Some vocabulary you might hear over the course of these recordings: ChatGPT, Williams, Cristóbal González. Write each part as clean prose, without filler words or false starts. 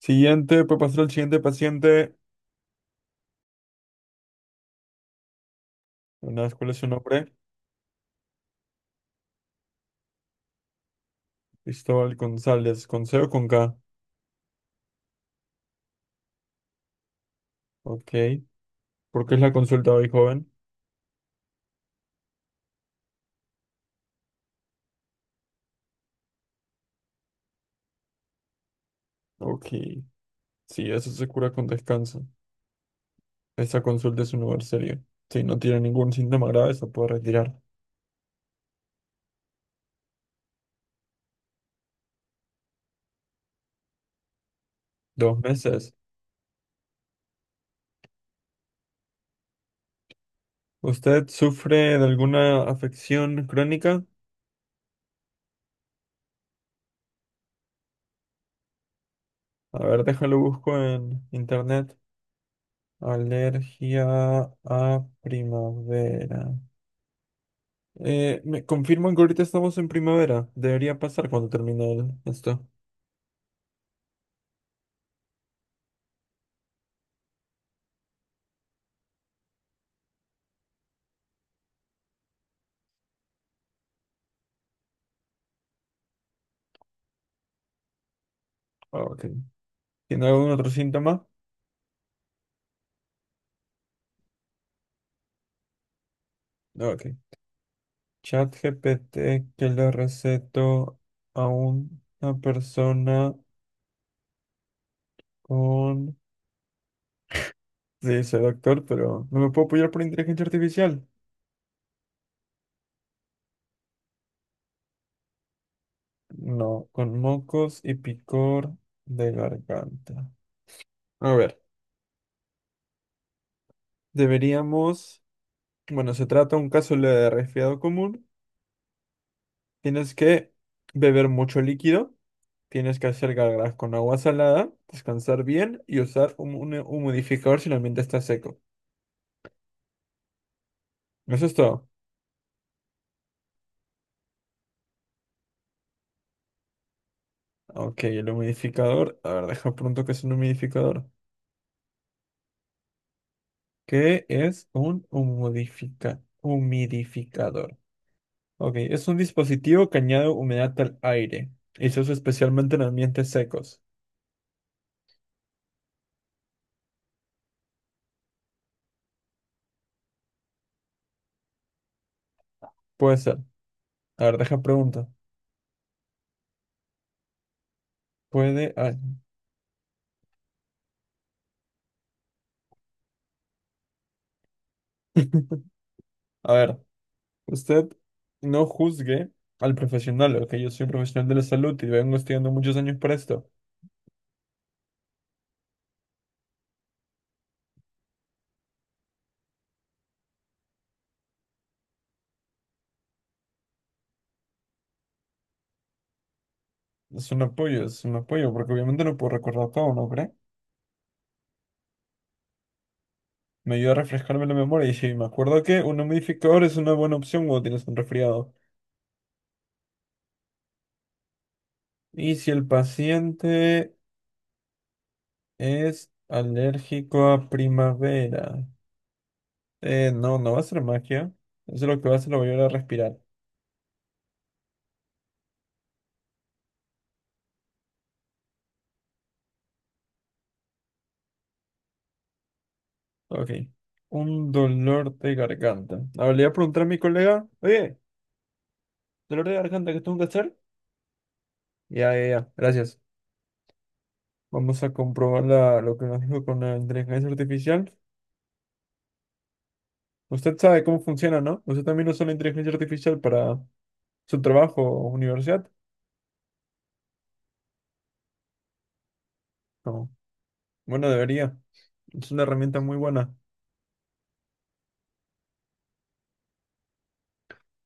Siguiente, puede pasar al siguiente paciente. Una vez, ¿cuál es su nombre? Cristóbal González, con C o con K. Ok. ¿Por qué es la consulta hoy, joven? Ok. Sí, eso se cura con descanso. Esta consulta es un lugar serio. Si no tiene ningún síntoma grave, se puede retirar. Dos meses. ¿Usted sufre de alguna afección crónica? A ver, déjalo busco en internet. Alergia a primavera. Me confirman que ahorita estamos en primavera. Debería pasar cuando termine esto. Ah, Ok. ¿Tiene algún otro síntoma? Ah, Ok. Chat GPT que le receto a una persona con... Sí, soy doctor, pero no me puedo apoyar por inteligencia artificial. No, con mocos y picor de garganta. A ver, deberíamos... Bueno, se trata de un caso de resfriado común. Tienes que beber mucho líquido. Tienes que hacer gárgaras con agua salada, descansar bien y usar un humidificador si el ambiente está seco. Eso es todo. Ok, el humidificador. A ver, deja pronto que es un humidificador. ¿Qué es un humidificador? Ok, es un dispositivo que añade humedad al aire y se usa especialmente en ambientes secos. Puede ser. A ver, deja pregunta. Puede. A ver. Usted no juzgue al profesional, ok, yo soy un profesional de la salud y vengo estudiando muchos años para esto. Es un apoyo, porque obviamente no puedo recordar todo, ¿no cree? Me ayuda a refrescarme la memoria y si me acuerdo que un humidificador es una buena opción cuando tienes un resfriado. Y si el paciente es alérgico a primavera. No, no va a ser magia. Eso lo que va a hacer, lo voy a ayudar a respirar. Ok. Un dolor de garganta. Ahora le voy a preguntar a mi colega, oye. Dolor de garganta que tengo que hacer. Ya, ya, ya. Gracias. Vamos a comprobar la- lo que nos dijo con la inteligencia artificial. Usted sabe cómo funciona, ¿no? Usted también usa la inteligencia artificial para su trabajo o universidad. No. Bueno, debería. Es una herramienta muy buena.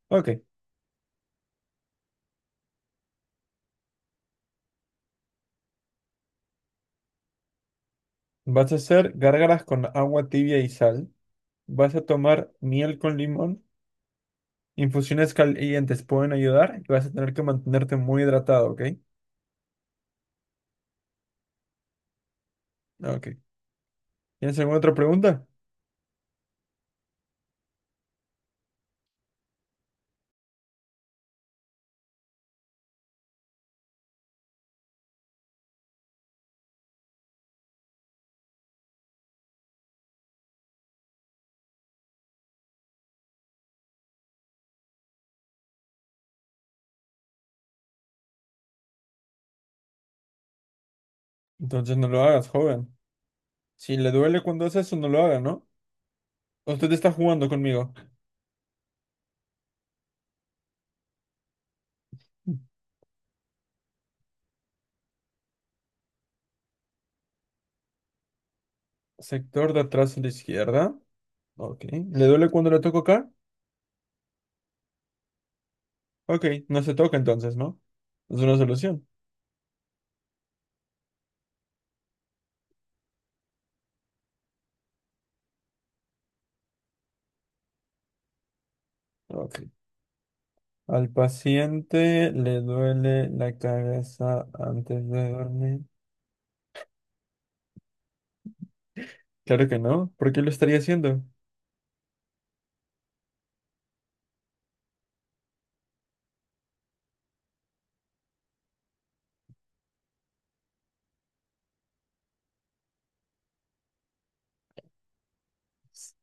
Ok. Vas a hacer gárgaras con agua tibia y sal. Vas a tomar miel con limón. Infusiones calientes pueden ayudar y vas a tener que mantenerte muy hidratado, ¿ok? Ok. ¿Tienes alguna otra pregunta? Entonces no lo hagas, joven. Si le duele cuando hace eso, no lo haga, ¿no? Usted está jugando conmigo. Sector de atrás a la izquierda. Ok. ¿Le duele cuando le toco acá? Ok. No se toca entonces, ¿no? Es una solución. Ok. Al paciente le duele la cabeza antes de dormir. Claro que no. ¿Por qué lo estaría haciendo?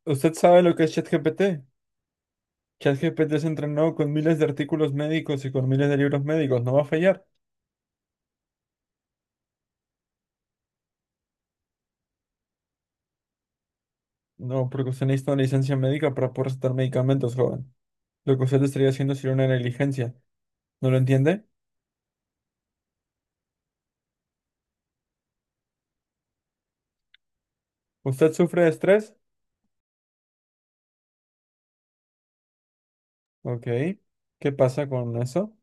¿Usted sabe lo que es ChatGPT? ChatGPT se entrenó con miles de artículos médicos y con miles de libros médicos. No va a fallar. No, porque usted necesita una licencia médica para poder recetar medicamentos, joven. Lo que usted estaría haciendo sería una negligencia. ¿No lo entiende? ¿Usted sufre de estrés? Ok. ¿Qué pasa con eso?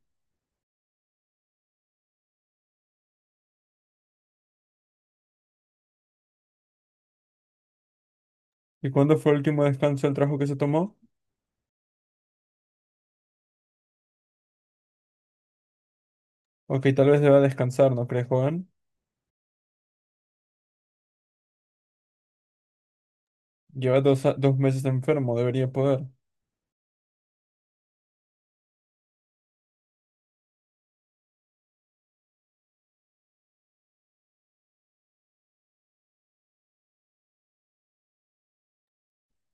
¿Y cuándo fue el último descanso del trabajo que se tomó? Ok, tal vez deba descansar, ¿no cree, joven? Lleva dos meses enfermo, debería poder.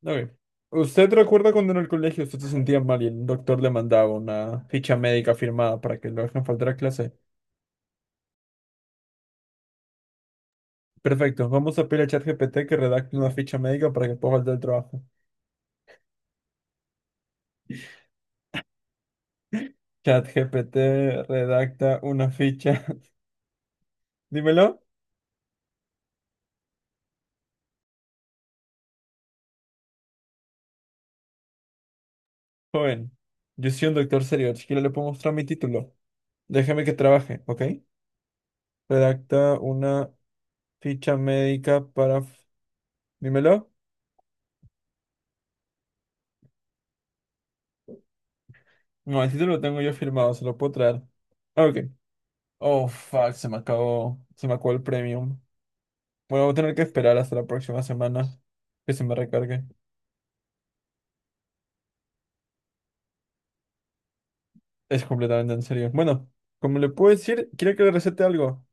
Ok. ¿Usted recuerda cuando en el colegio usted se sentía mal y el doctor le mandaba una ficha médica firmada para que lo dejen faltar a clase? Perfecto, vamos a pedir a ChatGPT que redacte una ficha médica para que pueda faltar al trabajo. ChatGPT redacta una ficha. Dímelo. Joven, yo soy un doctor serio, siquiera le puedo mostrar mi título. Déjame que trabaje, ¿ok? Redacta una ficha médica para... Dímelo. No, el título lo tengo yo firmado, se lo puedo traer. Ah, Ok. Oh, fuck, se me acabó el premium. Bueno, voy a tener que esperar hasta la próxima semana que se me recargue. Es completamente en serio. Bueno, como le puedo decir, quiere que le recete algo,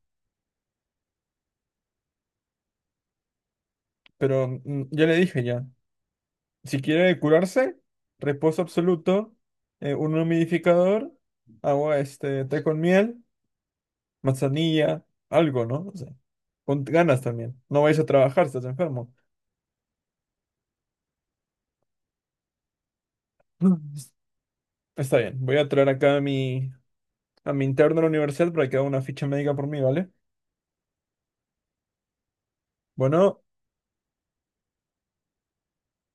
pero ya le dije ya. Si quiere curarse, reposo absoluto, un humidificador, agua, este, té con miel, manzanilla, algo, ¿no? O sea, con ganas también. No vayas a trabajar, estás enfermo. Está bien, voy a traer acá a mi interno de la universidad para que haga una ficha médica por mí, ¿vale? Bueno,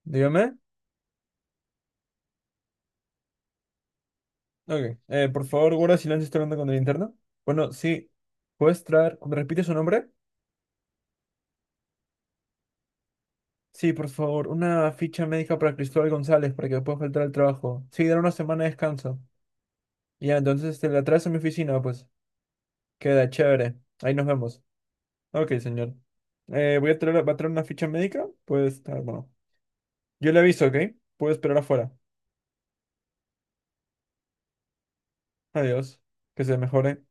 dígame. Ok, por favor, guarda silencio, estoy hablando con el interno. Bueno, sí, ¿puedes traer, me repite su nombre? Sí, por favor, una ficha médica para Cristóbal González para que pueda faltar al trabajo. Sí, dar una semana de descanso. Ya, entonces te la traes a mi oficina, pues. Queda chévere. Ahí nos vemos. Ok, señor. Voy a traer, va a traer una ficha médica. Pues, ah, bueno. Yo le aviso, ¿ok? Puedo esperar afuera. Adiós. Que se mejore.